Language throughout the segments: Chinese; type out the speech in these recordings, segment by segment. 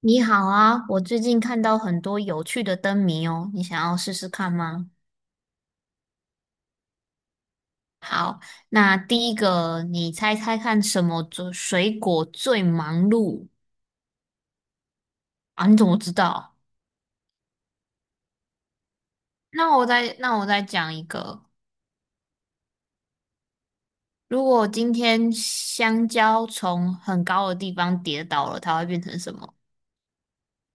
你好啊，我最近看到很多有趣的灯谜哦，你想要试试看吗？好，那第一个，你猜猜看什么最水果最忙碌。啊？你怎么知道？那我再讲一个，如果今天香蕉从很高的地方跌倒了，它会变成什么？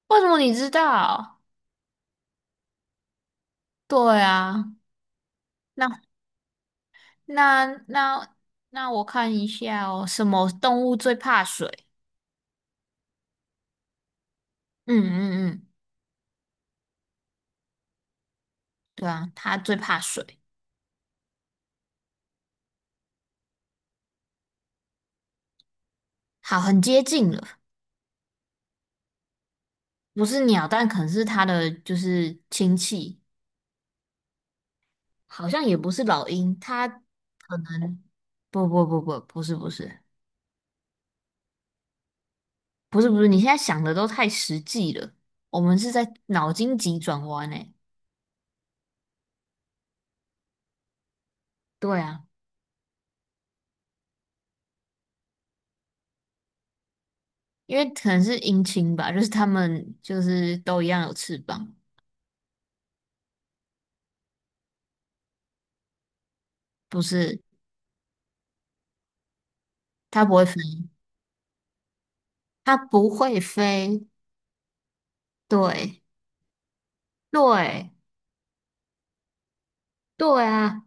为什么你知道？对啊。那那那那我看一下哦，什么动物最怕水？嗯嗯嗯。对啊，它最怕水。好，很接近了。不是鸟，但可能是它的就是亲戚，好像也不是老鹰，它可能不是不是不是不是，你现在想的都太实际了，我们是在脑筋急转弯诶。对啊，因为可能是鹰青吧，就是它们就是都一样有翅膀，不是。它不会飞，它不会飞，对对对啊，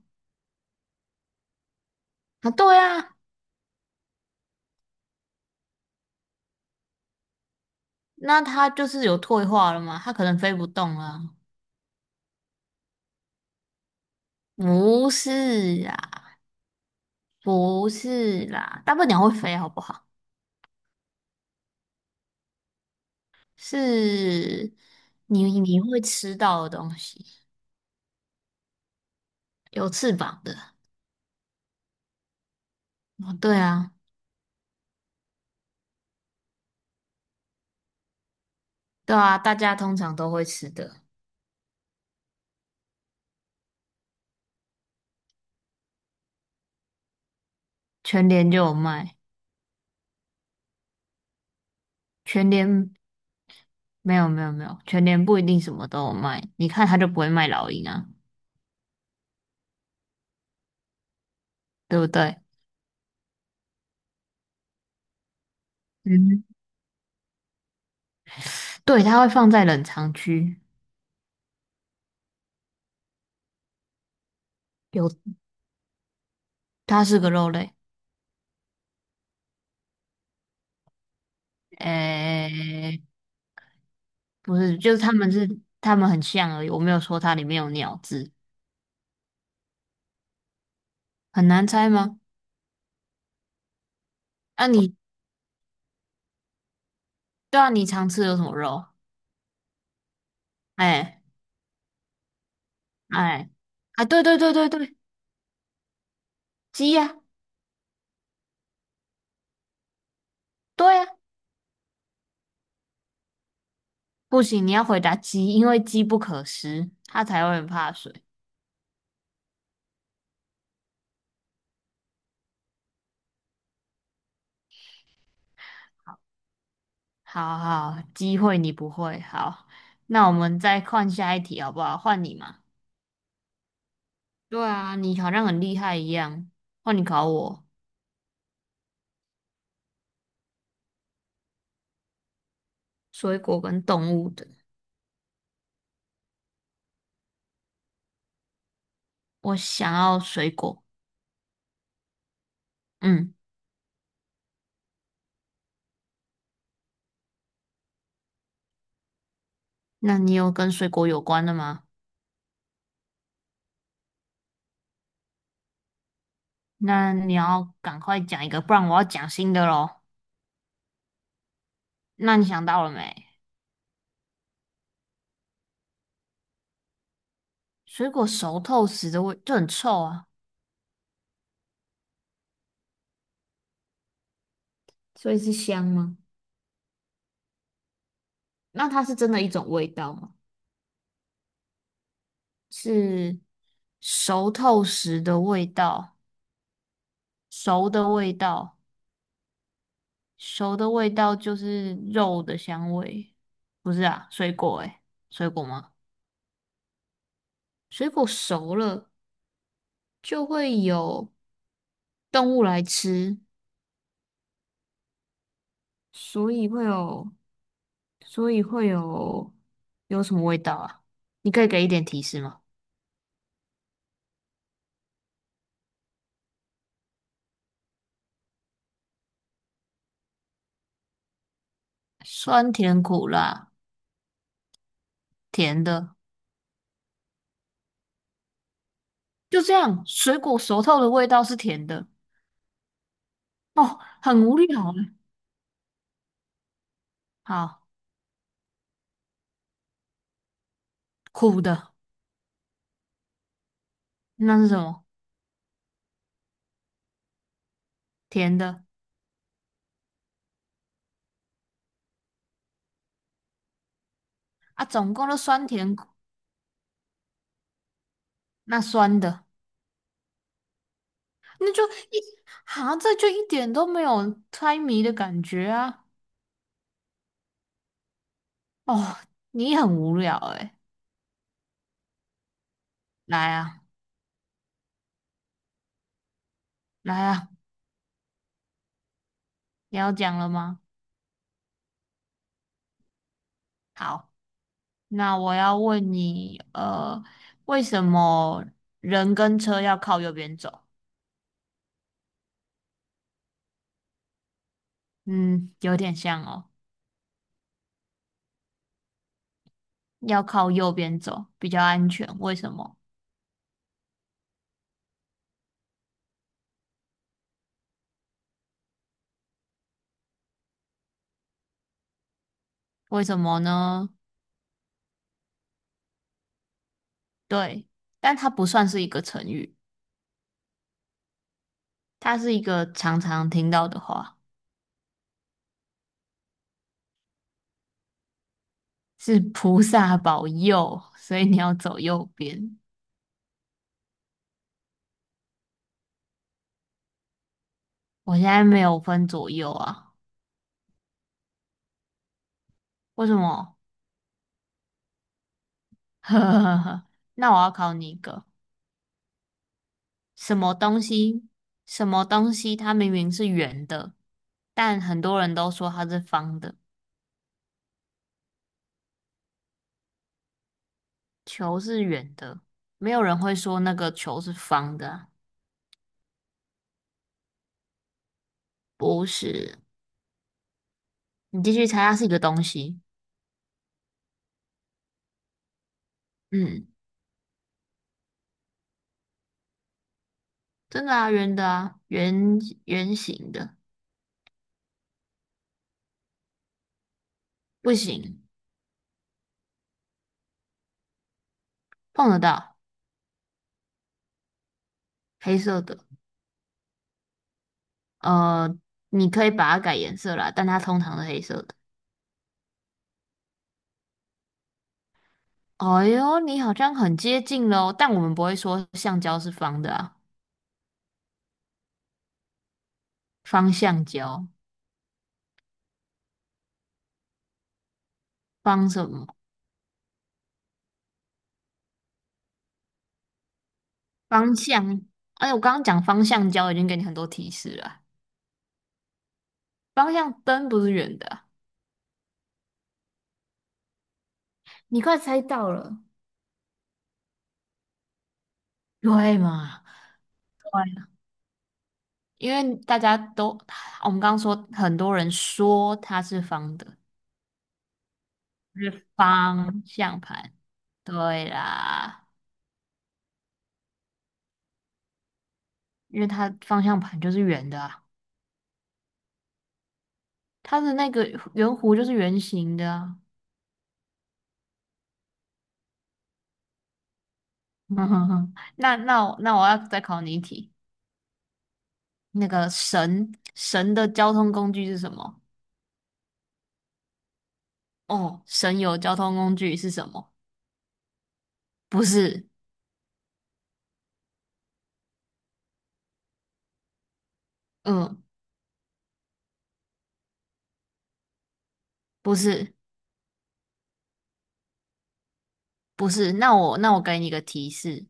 啊对啊。那它就是有退化了吗？它可能飞不动了。不是啦，不是啦，大笨鸟会飞，好不好？是你会吃到的东西，有翅膀的。哦，对啊，对啊，大家通常都会吃的。全联就有卖，全联没有没有没有，全联不一定什么都有卖。你看它就不会卖老鹰啊，对不对？嗯，对，它会放在冷藏区，有，它是个肉类。诶、不是，就是他们是他们很像而已，我没有说它里面有鸟字，很难猜吗？啊你，对啊，你常吃的有什么肉？哎哎啊，对对对对对，鸡呀、对呀、不行，你要回答鸡，因为鸡不可食，它才会很怕水。好好，机会你不会，好，那我们再换下一题好不好？换你嘛。对啊，你好像很厉害一样，换你考我，水果跟动物的，我想要水果，嗯。那你有跟水果有关的吗？那你要赶快讲一个，不然我要讲新的喽。那你想到了没？水果熟透时的味就很臭啊，所以是香吗？那它是真的一种味道吗？是熟透时的味道，熟的味道，熟的味道就是肉的香味，不是啊？水果诶，水果吗？水果熟了就会有动物来吃，所以会有。所以会有有什么味道啊？你可以给一点提示吗？酸甜苦辣，甜的，就这样。水果熟透的味道是甜的，哦，很无聊啊。好，苦的，那是什么？甜的啊，总共就酸甜苦，那酸的，那就一，好这就一点都没有猜谜的感觉啊。哦，你很无聊诶、来啊，来啊，你要讲了吗？好。那我要问你，为什么人跟车要靠右边走？嗯，有点像哦，要靠右边走比较安全。为什么？为什么呢？对，但它不算是一个成语，它是一个常常听到的话，是菩萨保佑，所以你要走右边。我现在没有分左右啊，为什么？呵呵呵。那我要考你一个。什么东西，什么东西，它明明是圆的，但很多人都说它是方的。球是圆的，没有人会说那个球是方的啊。不是，你继续猜，它是一个东西。嗯，真的啊，圆的啊，圆形的，不行，碰得到，黑色的。呃，你可以把它改颜色啦，但它通常是黑色的。哎呦，你好像很接近喽，但我们不会说橡胶是方的啊，方橡胶。方什么？方向？哎，我刚刚讲方向胶已经给你很多提示了啊。方向灯不是圆的啊。你快猜到了，对嘛？对啊，因为大家都，我们刚刚说很多人说它是方的，是方向盘。对啦，因为它方向盘就是圆的啊，它的那个圆弧就是圆形的啊。那我要再考你一题，那个神的交通工具是什么？哦，神游交通工具是什么？不是，嗯，不是，不是。那我给你一个提示，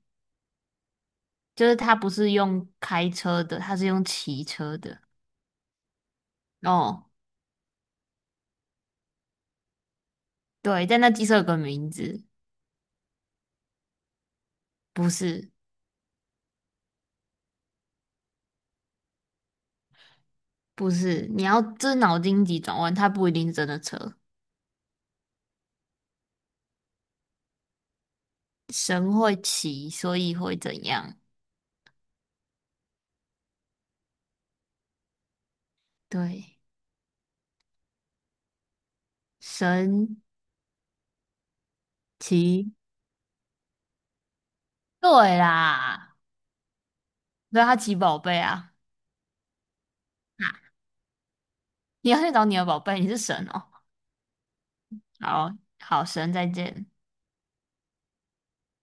就是它不是用开车的，它是用骑车的。哦，对，但那机车有个名字，不是，不是。你要这是脑筋急转弯，它不一定是真的车。神会骑，所以会怎样？对，神骑，对啦，对啊，他骑宝贝啊。啊，你要去找你的宝贝，你是神哦。好。好神，再见。